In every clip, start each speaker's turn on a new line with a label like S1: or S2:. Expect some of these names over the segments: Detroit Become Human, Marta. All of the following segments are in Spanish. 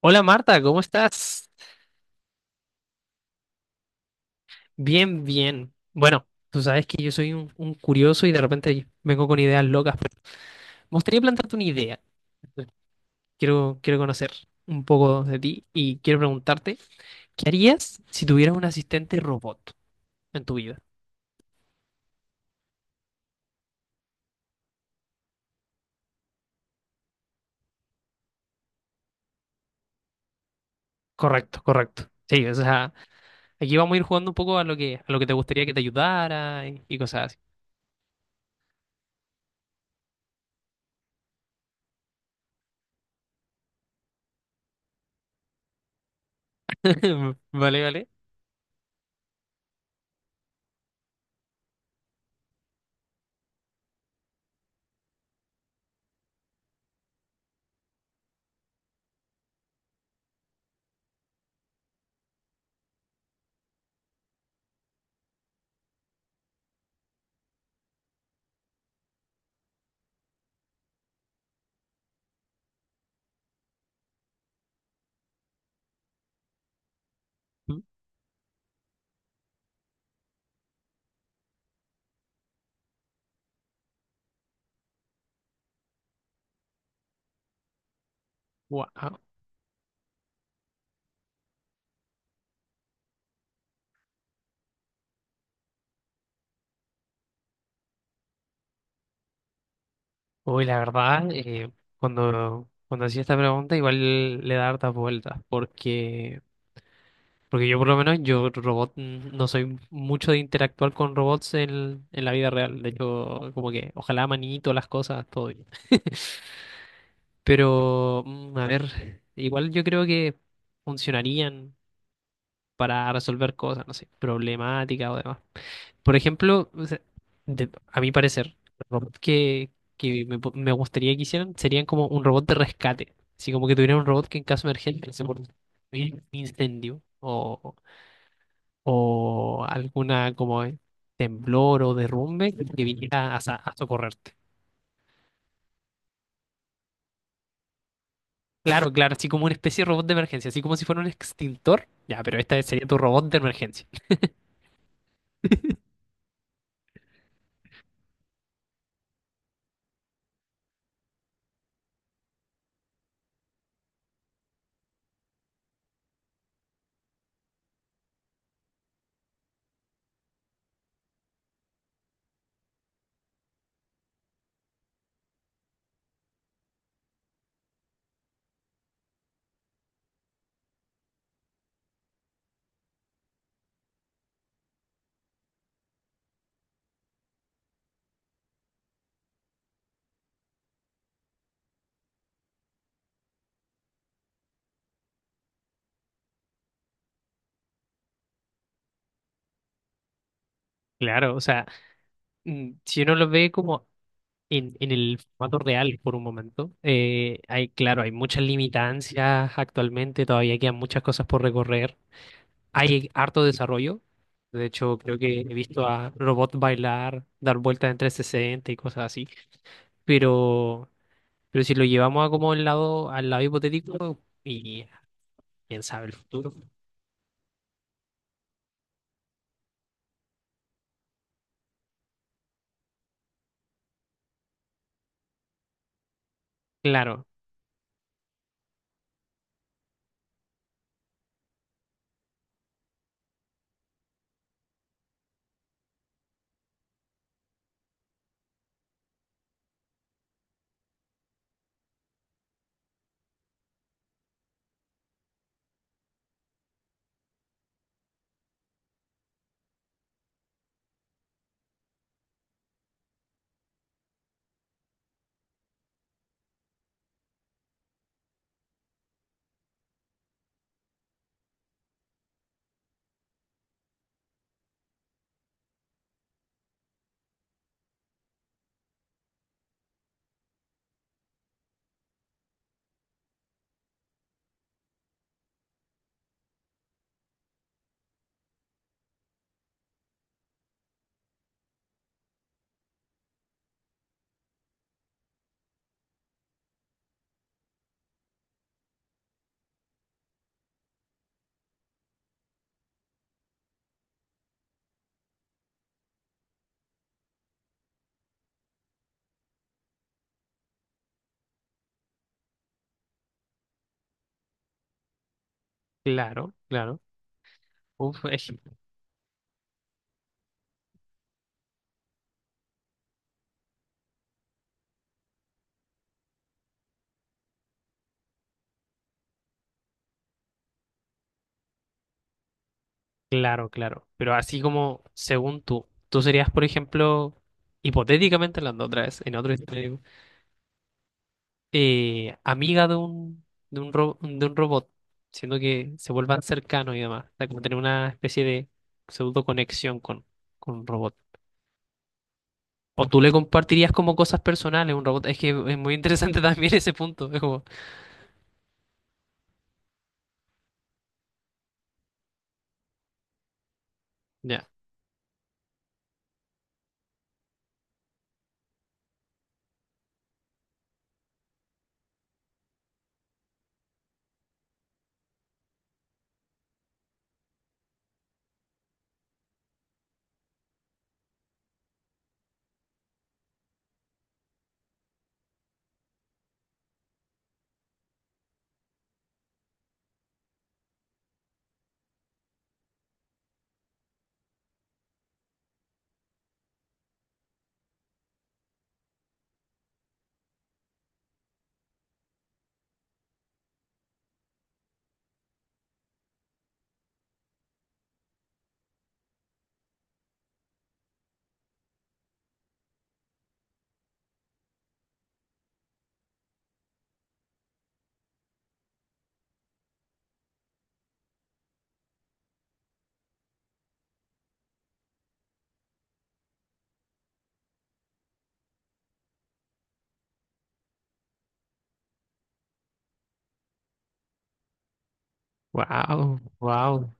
S1: Hola Marta, ¿cómo estás? Bien, bien. Bueno, tú sabes que yo soy un curioso y de repente vengo con ideas locas, pero me gustaría plantearte una idea. Entonces, quiero conocer un poco de ti y quiero preguntarte, ¿qué harías si tuvieras un asistente robot en tu vida? Correcto, correcto. Sí, o sea, aquí vamos a ir jugando un poco a lo que te gustaría que te ayudara y cosas así. Vale, vale. Wow. Uy, la verdad, cuando hacía esta pregunta igual le da hartas vueltas, porque, porque yo por lo menos, yo robot no soy mucho de interactuar con robots en la vida real, de hecho, como que ojalá manito las cosas, todo bien. Pero, a ver, igual yo creo que funcionarían para resolver cosas, no sé, problemáticas o demás. Por ejemplo, o sea, a mi parecer, el robot que me gustaría que hicieran serían como un robot de rescate. Así como que tuvieran un robot que en caso de emergencia, se por un incendio o alguna como temblor o derrumbe, que viniera a socorrerte. Claro, claro, así como una especie de robot de emergencia, así como si fuera un extintor. Ya, pero esta sería tu robot de emergencia. Claro, o sea, si uno lo ve como en el formato real por un momento. Hay, claro, hay muchas limitancias actualmente, todavía quedan muchas cosas por recorrer. Hay harto desarrollo. De hecho, creo que he visto a robots bailar, dar vueltas en 360 y cosas así. Pero, pero si lo llevamos a como el lado, al lado hipotético, y quién sabe el futuro. Claro, claro, claro. Uf, es- claro, claro. Pero así como según tú, tú serías, por ejemplo, hipotéticamente hablando otra vez, en otro escenario amiga de un robot, siendo que se vuelvan cercanos y demás, o sea, como tener una especie de pseudo conexión con un robot. O tú le compartirías como cosas personales a un robot. Es que es muy interesante también ese punto. Es como, ya. Wow, wow.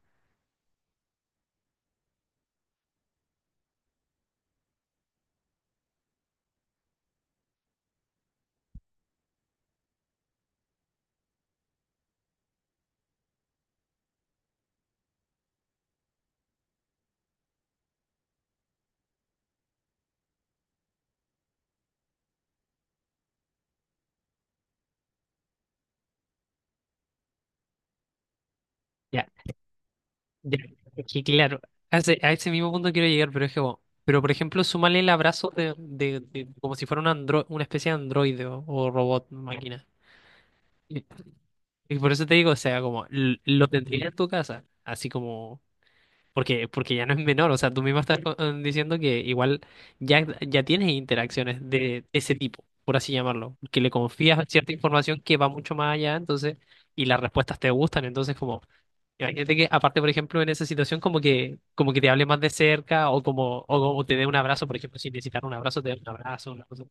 S1: Ya, ya. Es que claro, a ese mismo punto quiero llegar, pero es que, bueno, pero por ejemplo, súmale el abrazo como si fuera un andro, una especie de androide o robot, máquina. Y por eso te digo, o sea, como lo tendrías en tu casa, así como, porque, porque ya no es menor, o sea, tú mismo estás diciendo que igual ya tienes interacciones de ese tipo, por así llamarlo, que le confías cierta información que va mucho más allá, entonces, y las respuestas te gustan, entonces como, imagínate que aparte, por ejemplo, en esa situación como que te hable más de cerca o como, o te dé un abrazo, por ejemplo, si necesitas un abrazo, te dé un abrazo, una cosa.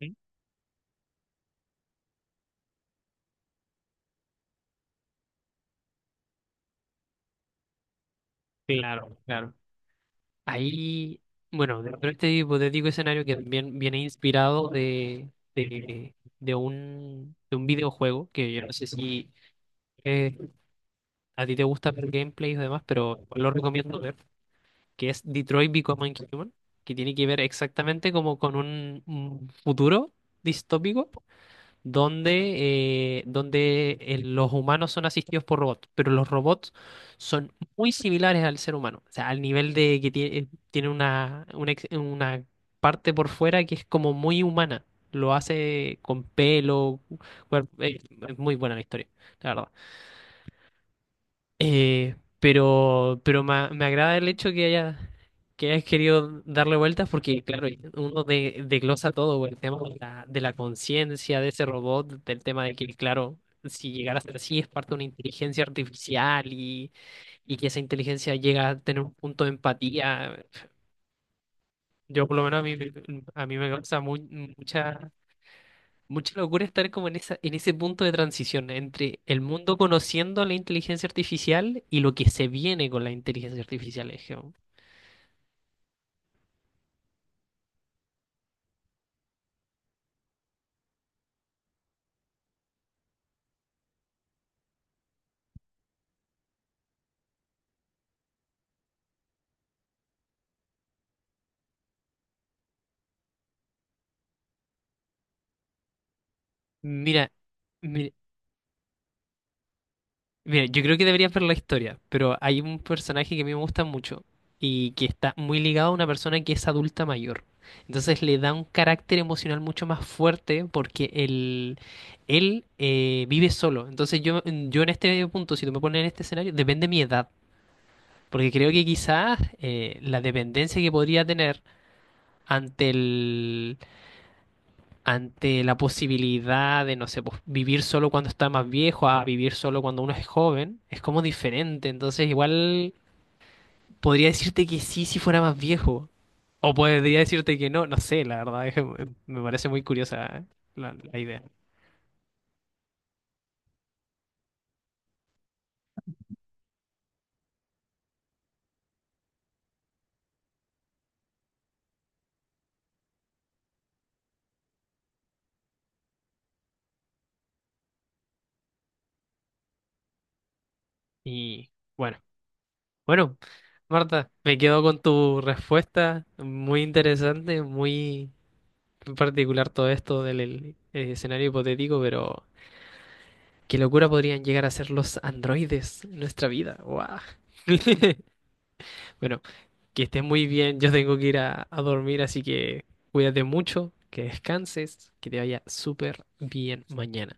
S1: Así. Claro, claro. Ahí, bueno, dentro de este hipotético escenario que también viene inspirado de, de un videojuego, que yo no sé si eh, a ti te gusta ver gameplays o demás, pero lo recomiendo ver, que es Detroit Become Human, que tiene que ver exactamente como con un futuro distópico, donde, donde los humanos son asistidos por robots, pero los robots son muy similares al ser humano, o sea, al nivel de que tiene, tiene una parte por fuera que es como muy humana, lo hace con pelo, cuerp- eh, es muy buena la historia, la verdad. Pero me agrada el hecho que haya, que hayas querido darle vueltas porque, claro, uno de, desglosa todo, güey, el tema de de la conciencia de ese robot, del tema de que, claro, si llegara a ser así es parte de una inteligencia artificial y que esa inteligencia llega a tener un punto de empatía. Yo, por lo menos, a mí me causa muy, mucha mucha locura estar como en en ese punto de transición entre el mundo conociendo la inteligencia artificial y lo que se viene con la inteligencia artificial. Es como, Mira, mi- mira, yo creo que deberías ver la historia, pero hay un personaje que a mí me gusta mucho y que está muy ligado a una persona que es adulta mayor. Entonces le da un carácter emocional mucho más fuerte porque él, él vive solo. Entonces yo en este punto, si tú me pones en este escenario, depende de mi edad. Porque creo que quizás la dependencia que podría tener ante el, ante la posibilidad de, no sé, pues, vivir solo cuando está más viejo a vivir solo cuando uno es joven, es como diferente. Entonces, igual podría decirte que sí si fuera más viejo. O podría decirte que no, no sé, la verdad, es que me parece muy curiosa la idea. Y bueno, bueno, Marta, me quedo con tu respuesta, muy interesante, muy particular todo esto del el escenario hipotético, pero qué locura podrían llegar a ser los androides en nuestra vida. ¡Guau! Bueno, que estés muy bien. Yo tengo que ir a dormir, así que cuídate mucho, que descanses, que te vaya súper bien mañana.